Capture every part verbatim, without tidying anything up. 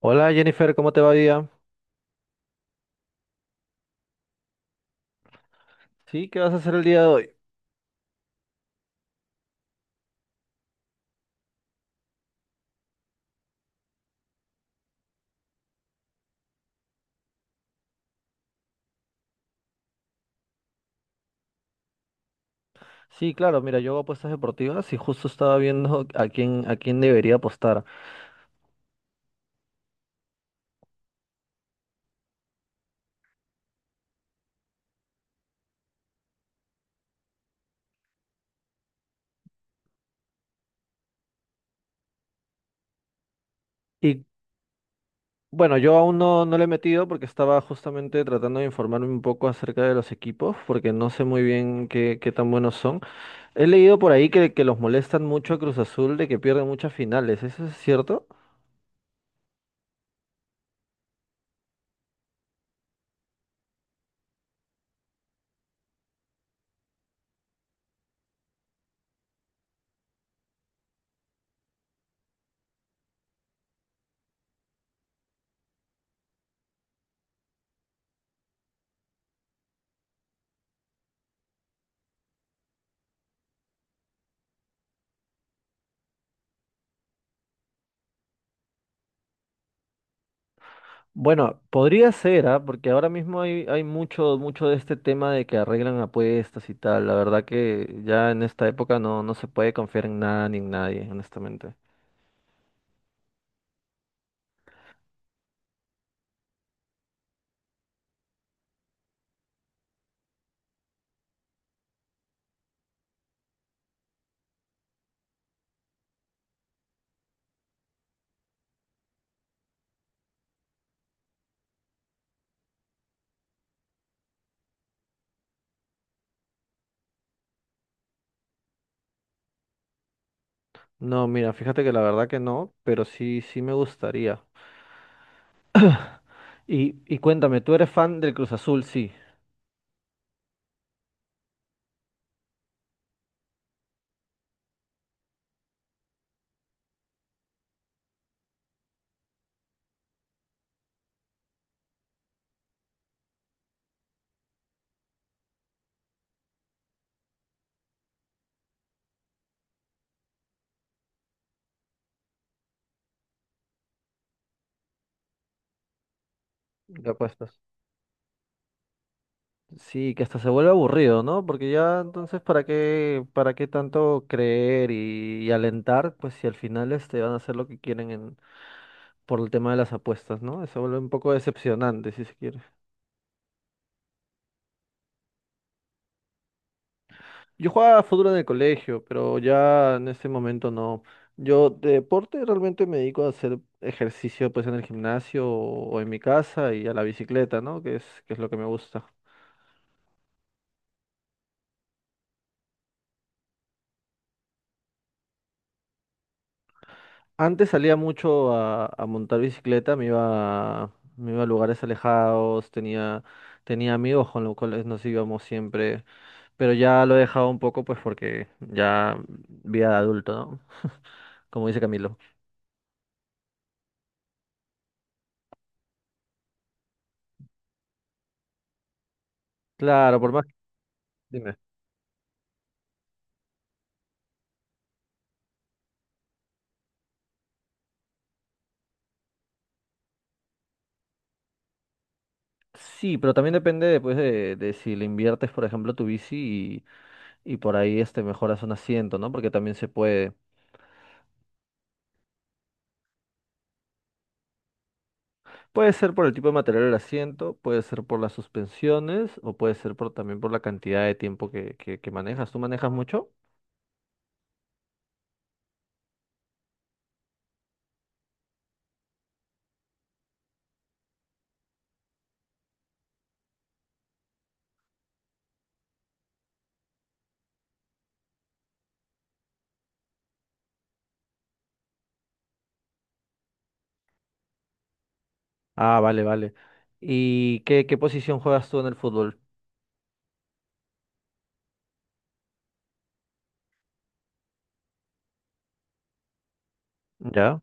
Hola Jennifer, ¿cómo te va día? Sí, ¿qué vas a hacer el día de hoy? Sí, claro, mira, yo hago apuestas deportivas y justo estaba viendo a quién, a quién debería apostar. Y bueno, yo aún no, no le he metido porque estaba justamente tratando de informarme un poco acerca de los equipos, porque no sé muy bien qué, qué tan buenos son. He leído por ahí que, que los molestan mucho a Cruz Azul de que pierden muchas finales, ¿eso es cierto? Bueno, podría ser, ¿ah? Porque ahora mismo hay, hay mucho, mucho de este tema de que arreglan apuestas y tal. La verdad que ya en esta época no, no se puede confiar en nada ni en nadie, honestamente. No, mira, fíjate que la verdad que no, pero sí, sí me gustaría. Y, y cuéntame, ¿tú eres fan del Cruz Azul? Sí. De apuestas. Sí, que hasta se vuelve aburrido, ¿no? Porque ya entonces, ¿para qué, para qué tanto creer y, y alentar? Pues si al final este, van a hacer lo que quieren por el tema de las apuestas, ¿no? Se vuelve un poco decepcionante, si se quiere. Yo jugaba fútbol en el colegio, pero ya en este momento no. Yo de deporte realmente me dedico a hacer ejercicio pues en el gimnasio o en mi casa y a la bicicleta, ¿no? Que es, que es lo que me gusta. Antes salía mucho a, a montar bicicleta, me iba, a- me iba a lugares alejados, tenía, tenía amigos con los cuales nos íbamos siempre, pero ya lo he dejado un poco pues porque ya vida de adulto, ¿no? Como dice Camilo. Claro, por más, dime. Sí, pero también depende después de, de si le inviertes, por ejemplo, tu bici y, y por ahí este mejoras un asiento, ¿no? Porque también se puede, puede ser por el tipo de material del asiento, puede ser por las suspensiones o puede ser por también por la cantidad de tiempo que, que, que manejas. ¿Tú manejas mucho? Ah, vale, vale. ¿Y qué, qué posición juegas tú en el fútbol? ¿Ya?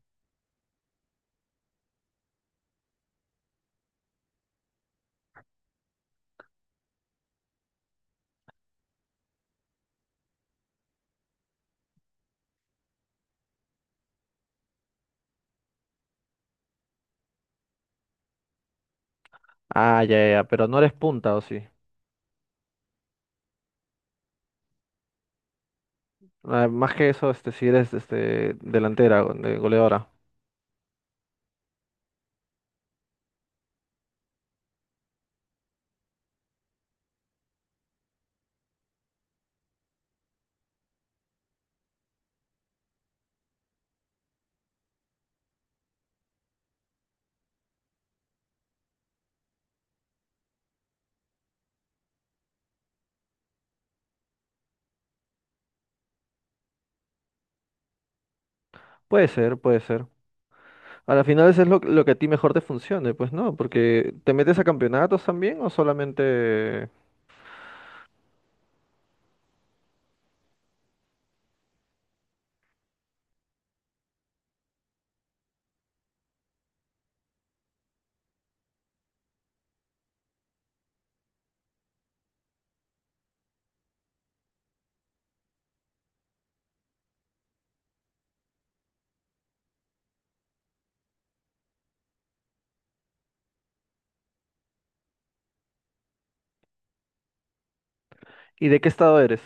Ah, ya, ya, ya, pero no eres punta, ¿o sí? Ah, más que eso, este, si eres este delantera, go- de goleadora. Puede ser, puede ser. A la final eso es lo, lo que a ti mejor te funcione, pues no, porque ¿te metes a campeonatos también o solamente... ¿Y de qué estado eres?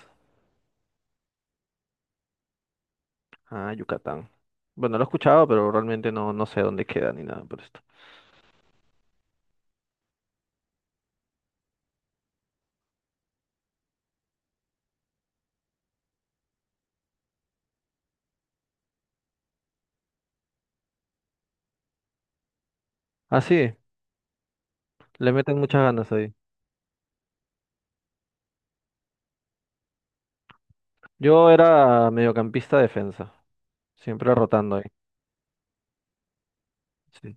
Ah, Yucatán. Bueno, lo he escuchado, pero realmente no, no sé dónde queda ni nada por esto. Ah, sí, le meten muchas ganas ahí. Yo era mediocampista defensa, siempre rotando ahí. Sí.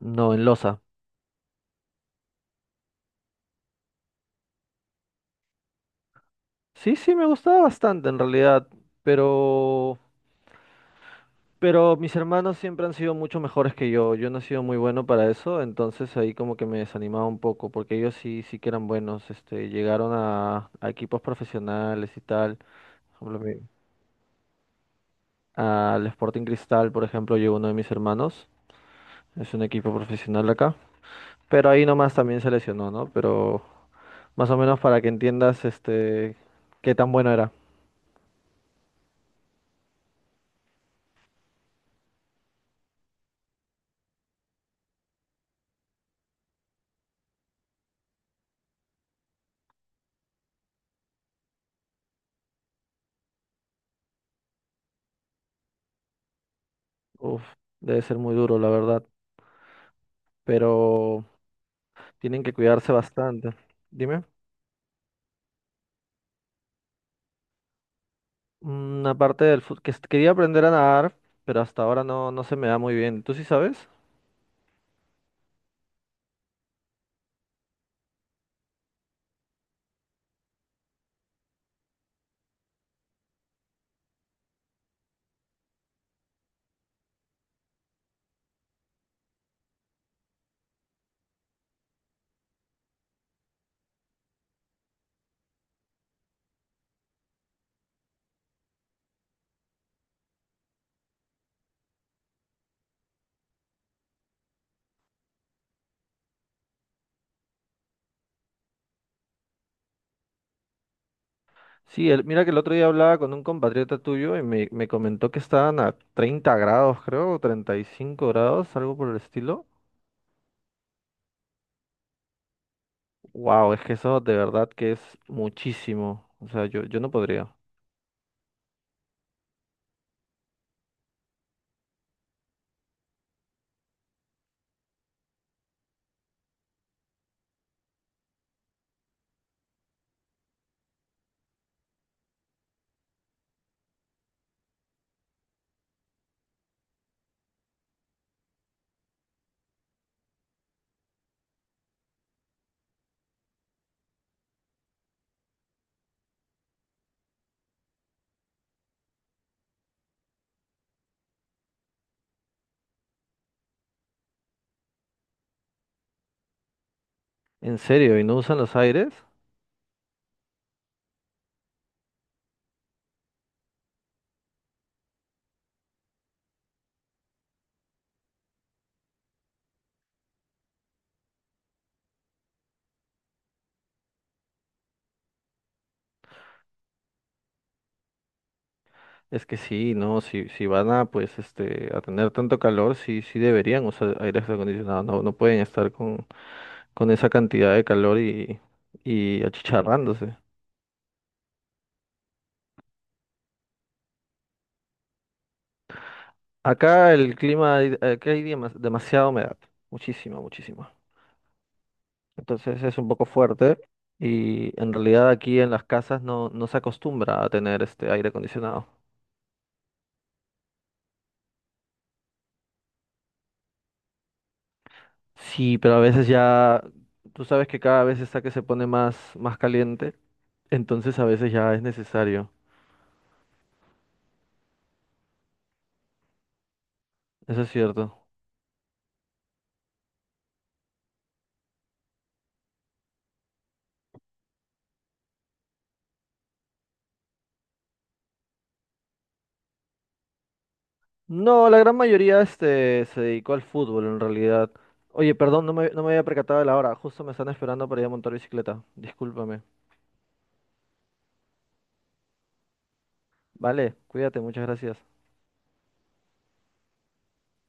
No, en Loza. Sí, sí, me gustaba bastante en realidad, pero Pero mis hermanos siempre han sido mucho mejores que yo. Yo no he sido muy bueno para eso, entonces ahí como que me desanimaba un poco, porque ellos sí, sí que eran buenos. Este, llegaron a, a equipos profesionales y tal. Por ejemplo, mi- al Sporting Cristal, por ejemplo, llegó uno de mis hermanos. Es un equipo profesional de acá. Pero ahí nomás también se lesionó, ¿no? Pero más o menos para que entiendas, este, qué tan bueno era. Uf, debe ser muy duro, la verdad. Pero tienen que cuidarse bastante. Dime. Una parte del fútbol que quería aprender a nadar, pero hasta ahora no, no se me da muy bien. ¿Tú sí sabes? Sí, el- mira que el otro día hablaba con un compatriota tuyo y me, me comentó que estaban a treinta grados, creo, o treinta y cinco grados, algo por el estilo. Wow, es que eso de verdad que es muchísimo. O sea, yo, yo no podría. ¿En serio? ¿Y no usan los aires? Es que sí, no, si, si van a pues este a tener tanto calor, sí, sí deberían usar aire acondicionado, no, no pueden estar con, con esa cantidad de calor y, y achicharrándose. Acá el clima, hay- acá hay demas- demasiada humedad, muchísima, muchísima. Entonces es un poco fuerte y en realidad aquí en las casas no, no se acostumbra a tener este aire acondicionado. Sí, pero a veces ya, tú sabes que cada vez está que se pone más, más caliente, entonces a veces ya es necesario. Eso es cierto. No, la gran mayoría este, se dedicó al fútbol en realidad. Oye, perdón, no me, no me había percatado de la hora. Justo me están esperando para ir a montar bicicleta. Discúlpame. Vale, cuídate, muchas gracias.